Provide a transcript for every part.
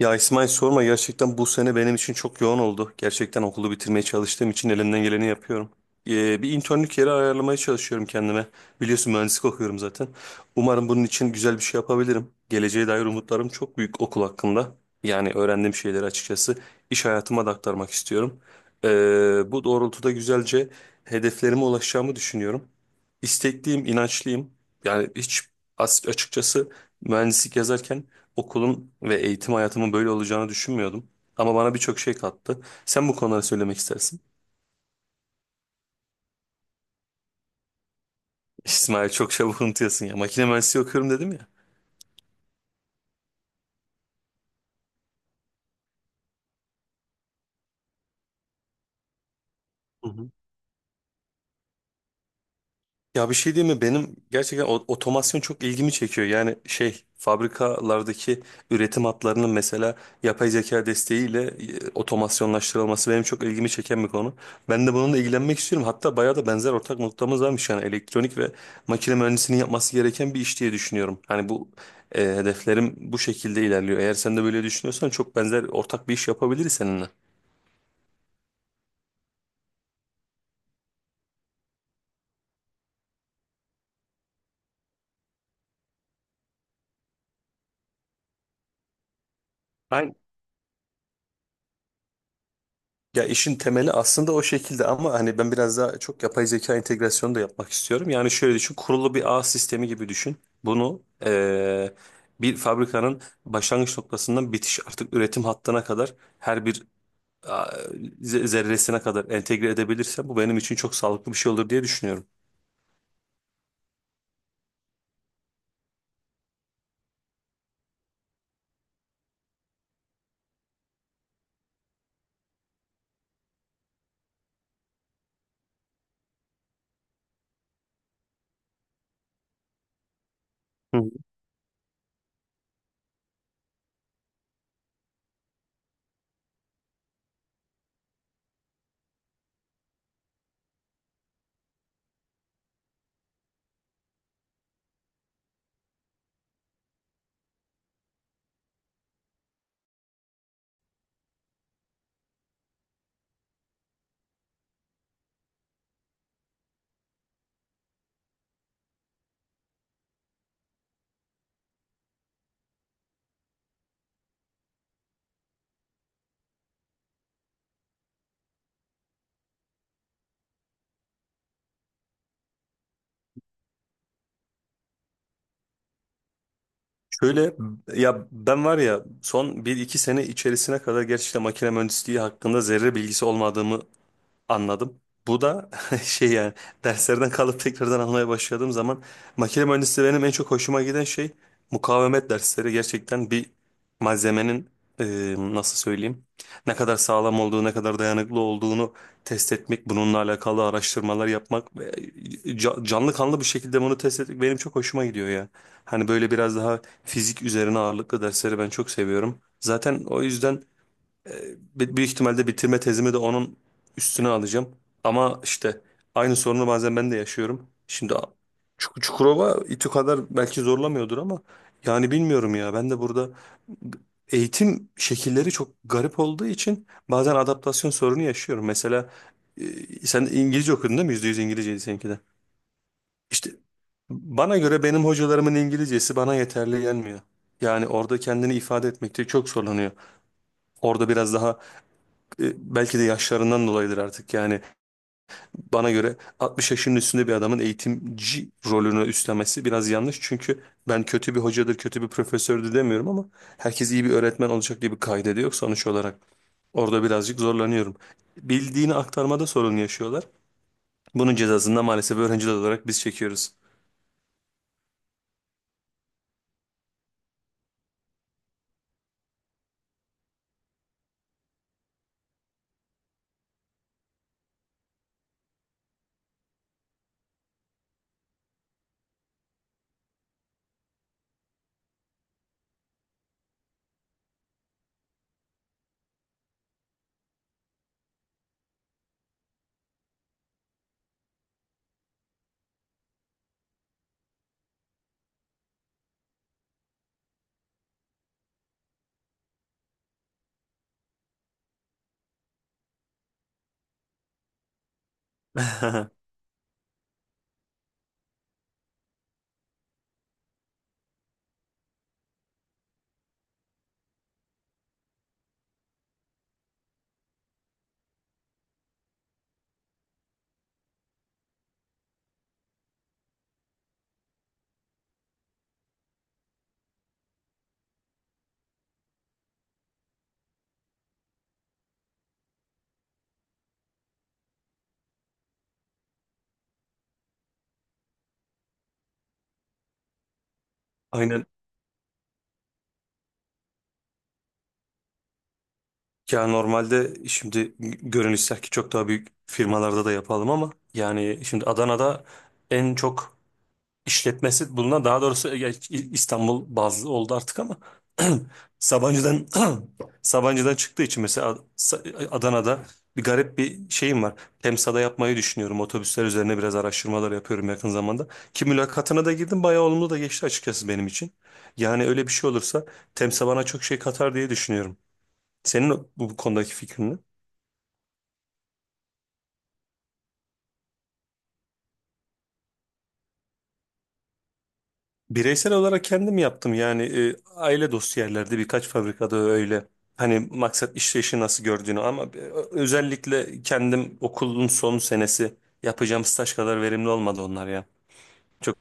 Ya İsmail sorma gerçekten bu sene benim için çok yoğun oldu. Gerçekten okulu bitirmeye çalıştığım için elimden geleni yapıyorum. Bir internlük yeri ayarlamaya çalışıyorum kendime. Biliyorsun mühendislik okuyorum zaten. Umarım bunun için güzel bir şey yapabilirim. Geleceğe dair umutlarım çok büyük okul hakkında. Yani öğrendiğim şeyleri açıkçası iş hayatıma da aktarmak istiyorum. Bu doğrultuda güzelce hedeflerime ulaşacağımı düşünüyorum. İstekliyim, inançlıyım. Yani hiç açıkçası mühendislik yazarken okulun ve eğitim hayatımın böyle olacağını düşünmüyordum. Ama bana birçok şey kattı. Sen bu konuları söylemek istersin. İsmail çok çabuk unutuyorsun ya. Makine mühendisliği okuyorum dedim ya. Hı hı. Ya bir şey diyeyim mi? Benim gerçekten otomasyon çok ilgimi çekiyor. Yani şey fabrikalardaki üretim hatlarının mesela yapay zeka desteğiyle otomasyonlaştırılması benim çok ilgimi çeken bir konu. Ben de bununla ilgilenmek istiyorum. Hatta bayağı da benzer ortak noktamız varmış yani elektronik ve makine mühendisinin yapması gereken bir iş diye düşünüyorum. Hani bu hedeflerim bu şekilde ilerliyor. Eğer sen de böyle düşünüyorsan çok benzer ortak bir iş yapabiliriz seninle. Ya işin temeli aslında o şekilde ama hani ben biraz daha çok yapay zeka entegrasyonu da yapmak istiyorum. Yani şöyle düşün, kurulu bir ağ sistemi gibi düşün. Bunu bir fabrikanın başlangıç noktasından bitiş artık üretim hattına kadar her bir a, zerresine kadar entegre edebilirsem bu benim için çok sağlıklı bir şey olur diye düşünüyorum. Hı. Şöyle ya ben var ya son bir iki sene içerisine kadar gerçekten makine mühendisliği hakkında zerre bilgisi olmadığımı anladım. Bu da şey yani derslerden kalıp tekrardan almaya başladığım zaman makine mühendisliği benim en çok hoşuma giden şey mukavemet dersleri. Gerçekten bir malzemenin nasıl söyleyeyim ne kadar sağlam olduğu ne kadar dayanıklı olduğunu test etmek bununla alakalı araştırmalar yapmak ve canlı kanlı bir şekilde bunu test etmek benim çok hoşuma gidiyor ya. Hani böyle biraz daha fizik üzerine ağırlıklı dersleri ben çok seviyorum. Zaten o yüzden büyük ihtimalle bitirme tezimi de onun üstüne alacağım. Ama işte aynı sorunu bazen ben de yaşıyorum. Şimdi Çukurova İTÜ kadar belki zorlamıyordur ama yani bilmiyorum ya ben de burada eğitim şekilleri çok garip olduğu için bazen adaptasyon sorunu yaşıyorum. Mesela e, sen İngilizce okudun değil mi? Yüzde yüz İngilizceydi seninki de. İşte bana göre benim hocalarımın İngilizcesi bana yeterli gelmiyor. Yani orada kendini ifade etmekte çok zorlanıyor. Orada biraz daha belki de yaşlarından dolayıdır artık. Yani bana göre 60 yaşının üstünde bir adamın eğitimci rolünü üstlenmesi biraz yanlış. Çünkü ben kötü bir hocadır, kötü bir profesördür demiyorum ama herkes iyi bir öğretmen olacak diye bir kaidede yok sonuç olarak. Orada birazcık zorlanıyorum. Bildiğini aktarmada sorun yaşıyorlar. Bunun cezasını da maalesef öğrenciler olarak biz çekiyoruz. Aynen. Ya normalde şimdi görünüşler ki çok daha büyük firmalarda da yapalım ama yani şimdi Adana'da en çok işletmesi bulunan daha doğrusu İstanbul bazlı oldu artık ama Sabancı'dan Sabancı'dan çıktığı için mesela Adana'da bir garip bir şeyim var. Temsa'da yapmayı düşünüyorum. Otobüsler üzerine biraz araştırmalar yapıyorum yakın zamanda. Ki mülakatına da girdim. Bayağı olumlu da geçti açıkçası benim için. Yani öyle bir şey olursa Temsa bana çok şey katar diye düşünüyorum. Senin bu konudaki fikrin ne? Bireysel olarak kendim yaptım yani aile dostu yerlerde birkaç fabrikada öyle. Hani maksat işleyişi nasıl gördüğünü ama özellikle kendim okulun son senesi yapacağım staj kadar verimli olmadı onlar ya. Çok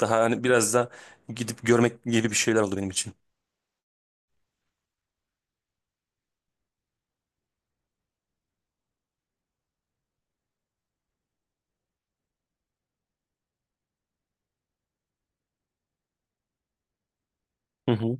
daha hani biraz da gidip görmek gibi bir şeyler oldu benim için. Hı hı.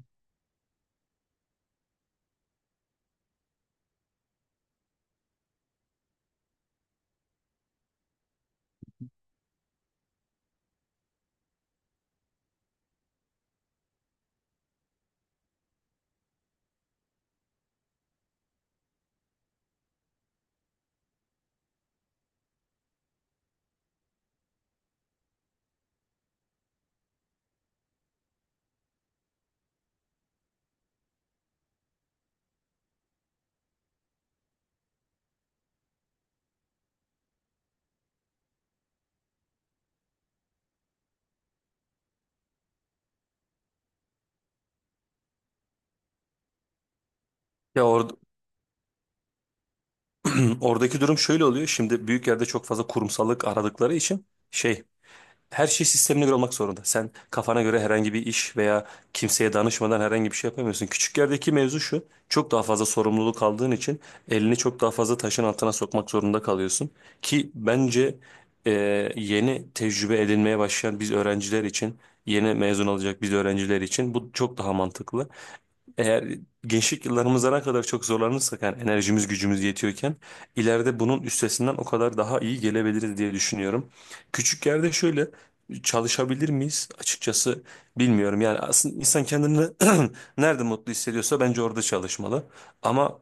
Ya or Oradaki durum şöyle oluyor. Şimdi büyük yerde çok fazla kurumsallık aradıkları için şey her şey sistemine göre olmak zorunda. Sen kafana göre herhangi bir iş veya kimseye danışmadan herhangi bir şey yapamıyorsun. Küçük yerdeki mevzu şu. Çok daha fazla sorumluluk aldığın için elini çok daha fazla taşın altına sokmak zorunda kalıyorsun. Ki bence e, yeni tecrübe edinmeye başlayan biz öğrenciler için, yeni mezun olacak biz öğrenciler için bu çok daha mantıklı eğer gençlik yıllarımızda ne kadar çok zorlanırsak yani enerjimiz gücümüz yetiyorken ileride bunun üstesinden o kadar daha iyi gelebiliriz diye düşünüyorum. Küçük yerde şöyle çalışabilir miyiz? Açıkçası bilmiyorum. Yani aslında insan kendini nerede mutlu hissediyorsa bence orada çalışmalı. Ama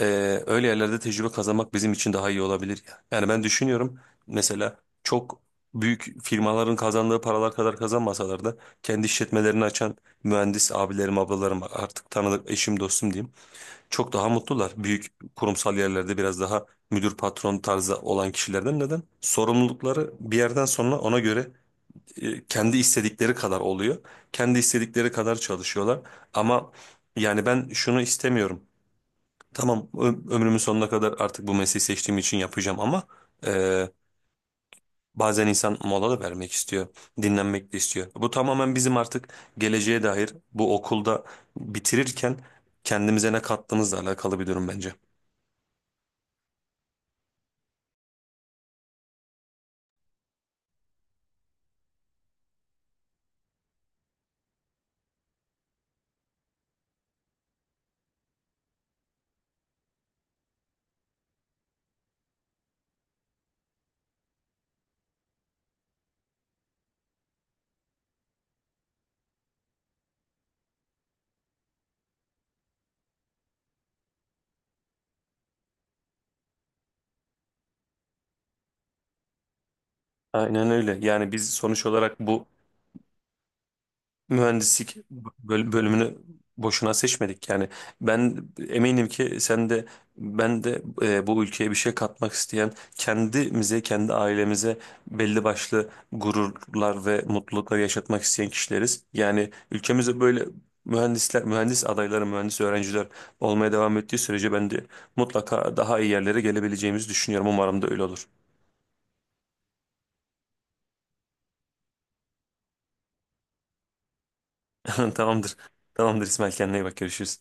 öyle yerlerde tecrübe kazanmak bizim için daha iyi olabilir ya. Yani ben düşünüyorum mesela çok büyük firmaların kazandığı paralar kadar kazanmasalar da kendi işletmelerini açan mühendis abilerim, ablalarım artık tanıdık eşim dostum diyeyim. Çok daha mutlular. Büyük kurumsal yerlerde biraz daha müdür patron tarzı olan kişilerden neden? Sorumlulukları bir yerden sonra ona göre kendi istedikleri kadar oluyor. Kendi istedikleri kadar çalışıyorlar. Ama yani ben şunu istemiyorum. Tamam ömrümün sonuna kadar artık bu mesleği seçtiğim için yapacağım ama e, bazen insan mola da vermek istiyor. Dinlenmek de istiyor. Bu tamamen bizim artık geleceğe dair bu okulda bitirirken kendimize ne kattığımızla alakalı bir durum bence. Aynen öyle. Yani biz sonuç olarak bu mühendislik bölümünü boşuna seçmedik. Yani ben eminim ki sen de ben de bu ülkeye bir şey katmak isteyen kendimize, kendi ailemize belli başlı gururlar ve mutluluklar yaşatmak isteyen kişileriz. Yani ülkemize böyle mühendisler, mühendis adayları, mühendis öğrenciler olmaya devam ettiği sürece ben de mutlaka daha iyi yerlere gelebileceğimizi düşünüyorum. Umarım da öyle olur. Tamamdır. Tamamdır İsmail, kendine iyi bak, görüşürüz.